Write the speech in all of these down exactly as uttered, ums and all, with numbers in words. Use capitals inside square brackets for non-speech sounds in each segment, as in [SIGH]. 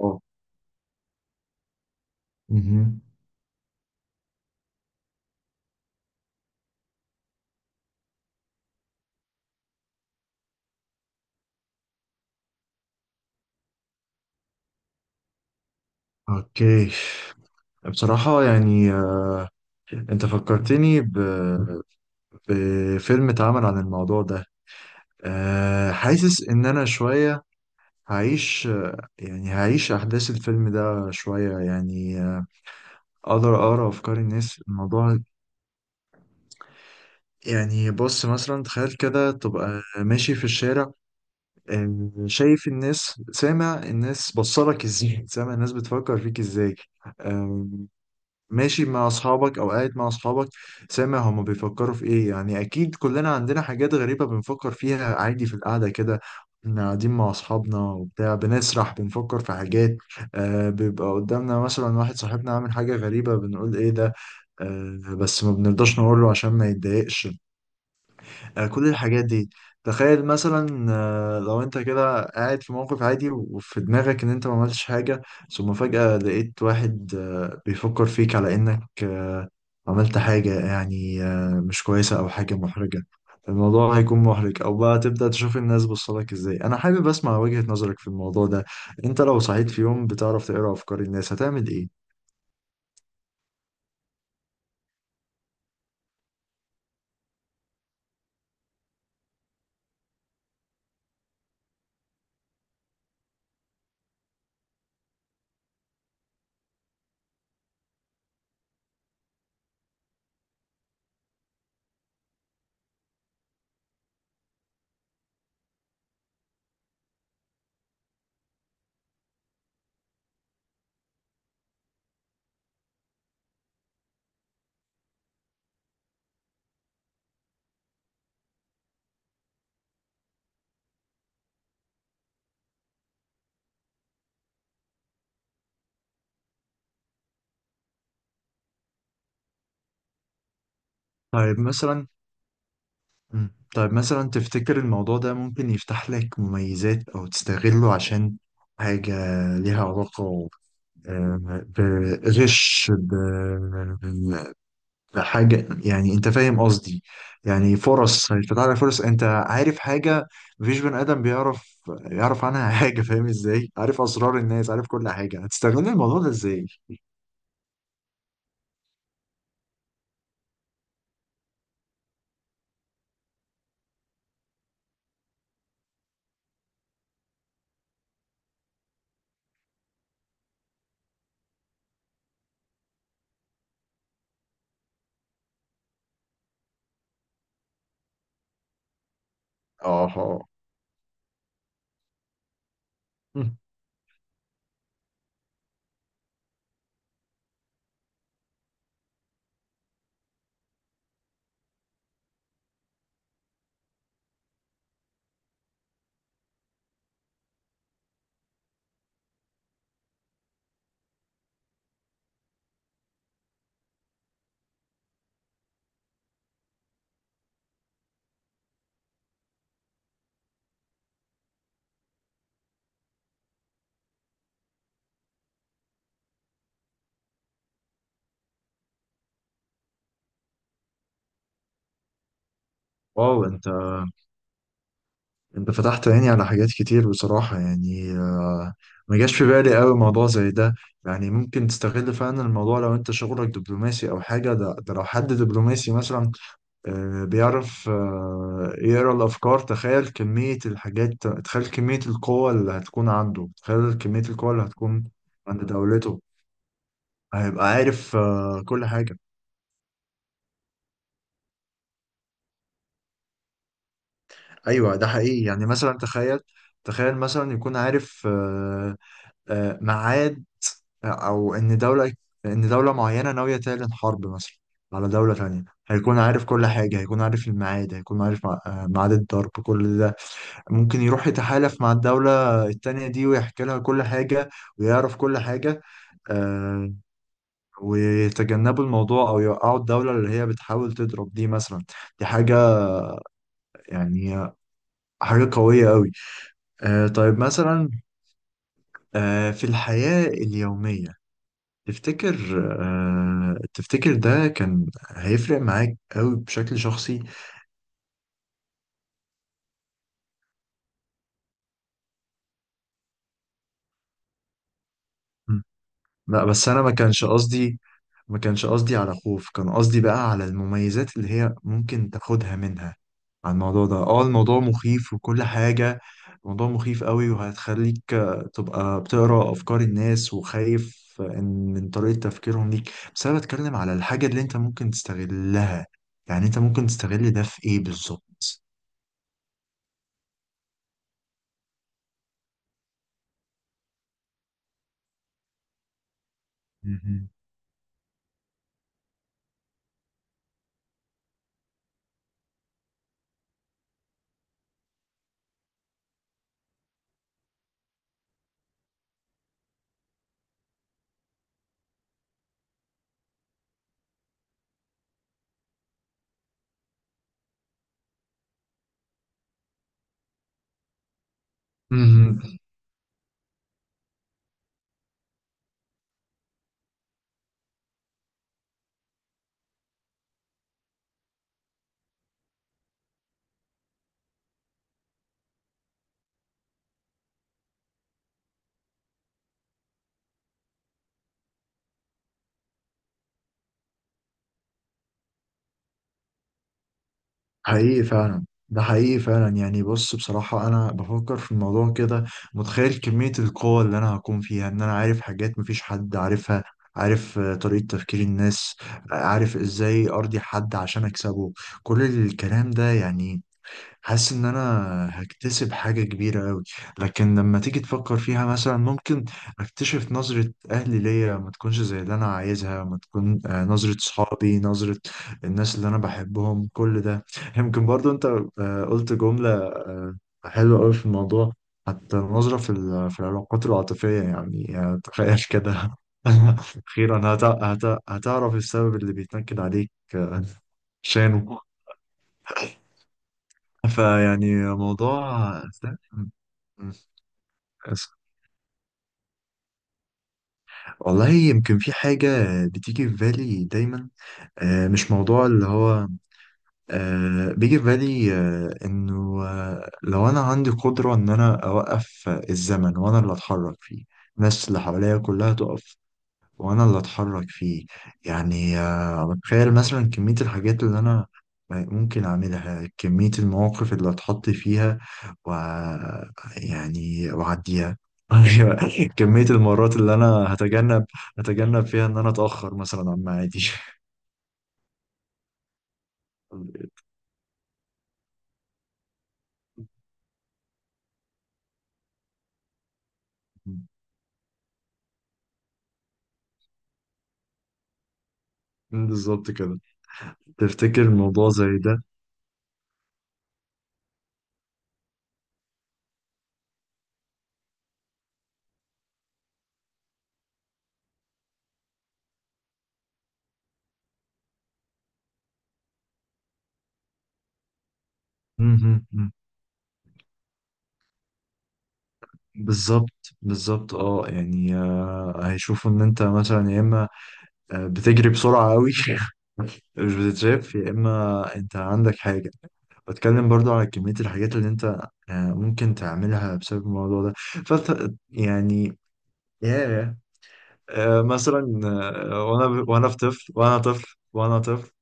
اه. مهم. اوكي، بصراحة يعني آه، انت فكرتني ب... بفيلم اتعمل عن الموضوع ده. آه، حاسس ان انا شوية هعيش، آه، يعني هعيش احداث الفيلم ده شوية يعني آه، اقدر اقرا افكار الناس. الموضوع يعني، بص مثلا تخيل كده تبقى ماشي في الشارع، آه، شايف الناس، سامع الناس بصلك ازاي، [LAUGHS] سامع الناس بتفكر فيك ازاي. ماشي مع اصحابك او قاعد مع اصحابك، سامع هما بيفكروا في ايه. يعني اكيد كلنا عندنا حاجات غريبة بنفكر فيها عادي في القعدة كده. احنا قاعدين مع اصحابنا وبتاع، بنسرح بنفكر في حاجات. آه بيبقى قدامنا مثلا واحد صاحبنا عامل حاجة غريبة، بنقول ايه ده. آه بس ما بنرضاش نقوله عشان ما يتضايقش. آه، كل الحاجات دي، تخيل مثلا، آه، لو انت كده قاعد في موقف عادي وفي دماغك ان انت ما عملتش حاجة، ثم فجأة لقيت واحد آه، بيفكر فيك على انك آه، عملت حاجة يعني آه، مش كويسة او حاجة محرجة. الموضوع هيكون محرج، او بقى تبدأ تشوف الناس بصلك ازاي. انا حابب اسمع وجهة نظرك في الموضوع ده. انت لو صحيت في يوم بتعرف تقرأ افكار الناس، هتعمل ايه؟ طيب مثلا. مم. طيب مثلا، تفتكر الموضوع ده ممكن يفتح لك مميزات أو تستغله عشان حاجة ليها علاقة، آه، بغش ب- بحاجة، يعني أنت فاهم قصدي؟ يعني فرص، هيفتح لك فرص، أنت عارف حاجة مفيش بني آدم بيعرف يعرف عنها [LAUGHS] حاجة. فاهم إزاي؟ عارف أسرار الناس، عارف كل حاجة، هتستغل الموضوع ده إزاي؟ آه واو. أنت انت فتحت عيني على حاجات كتير بصراحة. يعني آه، ما جاش في بالي قوي موضوع زي ده. يعني ممكن تستغل فعلا الموضوع لو انت شغلك دبلوماسي او حاجة. ده, ده لو حد دبلوماسي مثلا، آه، بيعرف آه، يقرا الافكار. تخيل كمية الحاجات، تخيل كمية القوة اللي هتكون عنده، تخيل كمية القوة اللي هتكون عند دولته. هيبقى عارف آه، كل حاجة. ايوه، ده حقيقي. يعني مثلا، تخيل. تخيل مثلا يكون عارف، آه، آه، ميعاد، او ان دولة ان دولة معينة ناوية تعلن حرب مثلا على دولة تانية. هيكون عارف كل حاجة، هيكون عارف الميعاد، هيكون عارف مع- آه، ميعاد الضرب، كل ده. ممكن يروح يتحالف مع الدولة التانية دي ويحكي لها كل حاجة، ويعرف كل حاجة، آه، ويتجنبوا الموضوع أو يوقعوا الدولة اللي هي بتحاول تضرب دي مثلا. دي حاجة يعني، حاجة قوية قوي. آه، طيب مثلا، آه، في الحياة اليومية، تفتكر، آه، تفتكر ده كان هيفرق معاك قوي بشكل شخصي؟ مم. لا، بس انا ما كانش قصدي ما كانش قصدي على خوف، كان قصدي بقى على المميزات اللي هي ممكن تاخدها منها على الموضوع ده. اه، الموضوع مخيف وكل حاجة. الموضوع مخيف قوي وهتخليك آه، تبقى بتقرأ افكار الناس وخايف، آه، إن- من طريقة تفكيرهم ليك. بس انا بتكلم على الحاجة اللي انت ممكن تستغلها، يعني انت ممكن تستغل ده في ايه بالظبط؟ مهم. مهم. حقيقي فعلا، ده حقيقي فعلا. يعني بص، بصراحة أنا بفكر في الموضوع كده، متخيل كمية القوة اللي أنا هكون فيها، إن أنا عارف حاجات مفيش حد عارفها، عارف آه، طريقة تفكير الناس، آه، عارف إزاي أرضي حد عشان أكسبه، كل الكلام ده. يعني حاسس ان انا هكتسب حاجة كبيرة قوي. لكن لما تيجي تفكر فيها مثلا، ممكن اكتشف نظرة اهلي ليا ما تكونش زي اللي انا عايزها، ما تكون آه، نظرة صحابي، نظرة الناس اللي انا بحبهم، كل ده. يمكن برضو انت آه، قلت جملة آه، حلوة قوي في الموضوع، حتى النظرة في ال- في العلاقات العاطفية، يعني آه، تخيل كده. [LAUGHS] أخيرا هتع- هتع- هتعرف السبب اللي بيتنكد عليك شانه. فيعني موضوع. استنى. م- آسف. والله يمكن في حاجة بتيجي في بالي دايما، آه، مش موضوع اللي هو، آه، بيجي في بالي آه، انه، آه، لو انا عندي قدرة ان انا اوقف الزمن وانا اللي اتحرك فيه. الناس اللي حواليا كلها تقف وانا اللي اتحرك فيه. يعني آه، بتخيل مثلا كمية الحاجات اللي انا ممكن اعملها، كمية المواقف اللي اتحط فيها، و، يعني واعديها. [LAUGHS] كمية المرات اللي انا هتجنب هتجنب فيها ان انا اتأخر مثلا عن ميعادي. [LAUGHS] بالظبط كده. تفتكر الموضوع زي ده؟ مهم. بالظبط بالظبط، اه. يعني آه، هيشوفوا ان انت مثلا، يا اما آه، بتجري بسرعة قوي [LAUGHS] مش بتتشاف، يا إما أنت عندك حاجة. بتكلم برضو على كمية الحاجات اللي أنت آه، ممكن تعملها بسبب الموضوع ده. فأنت يعني، ياه. آه، مثلا آه، وأنا وأنا في طفل وأنا طفل وأنا طفل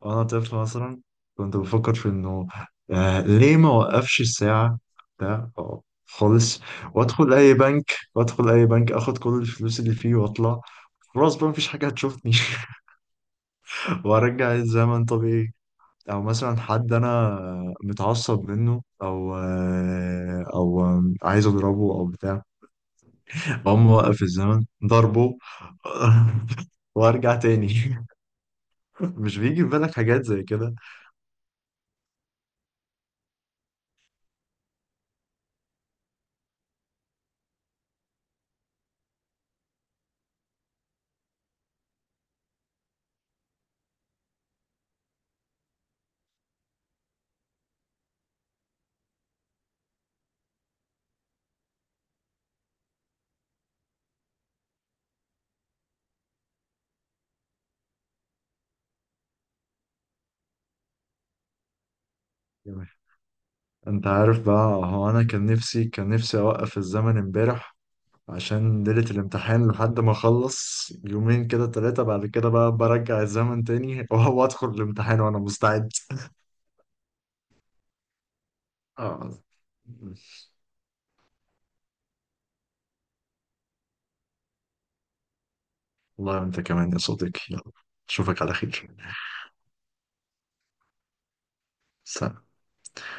وأنا طفل مثلا، كنت بفكر في إنه آه، ليه ما وقفش الساعة ده، أو خالص. وأدخل أي بنك وأدخل أي بنك أخد كل الفلوس اللي فيه وأطلع، خلاص بقى مفيش حاجة هتشوفني. [LAUGHS] وارجع الزمن طبيعي. او مثلا حد انا متعصب منه او آه، او عايز اضربه او بتاع، اقوم موقف الزمن ضربه. [LAUGHS] وارجع تاني. مش بيجي في بالك حاجات زي كده؟ تمام. انت عارف بقى، هو انا كان نفسي كان نفسي اوقف الزمن امبارح، عشان ليلة الامتحان، لحد ما اخلص يومين كده، ثلاثة، بعد كده بقى برجع الزمن تاني، [LAUGHS] وادخل الامتحان وانا مستعد. اه، والله وانت كمان يا صديقي. يلا، اشوفك على خير. سلام.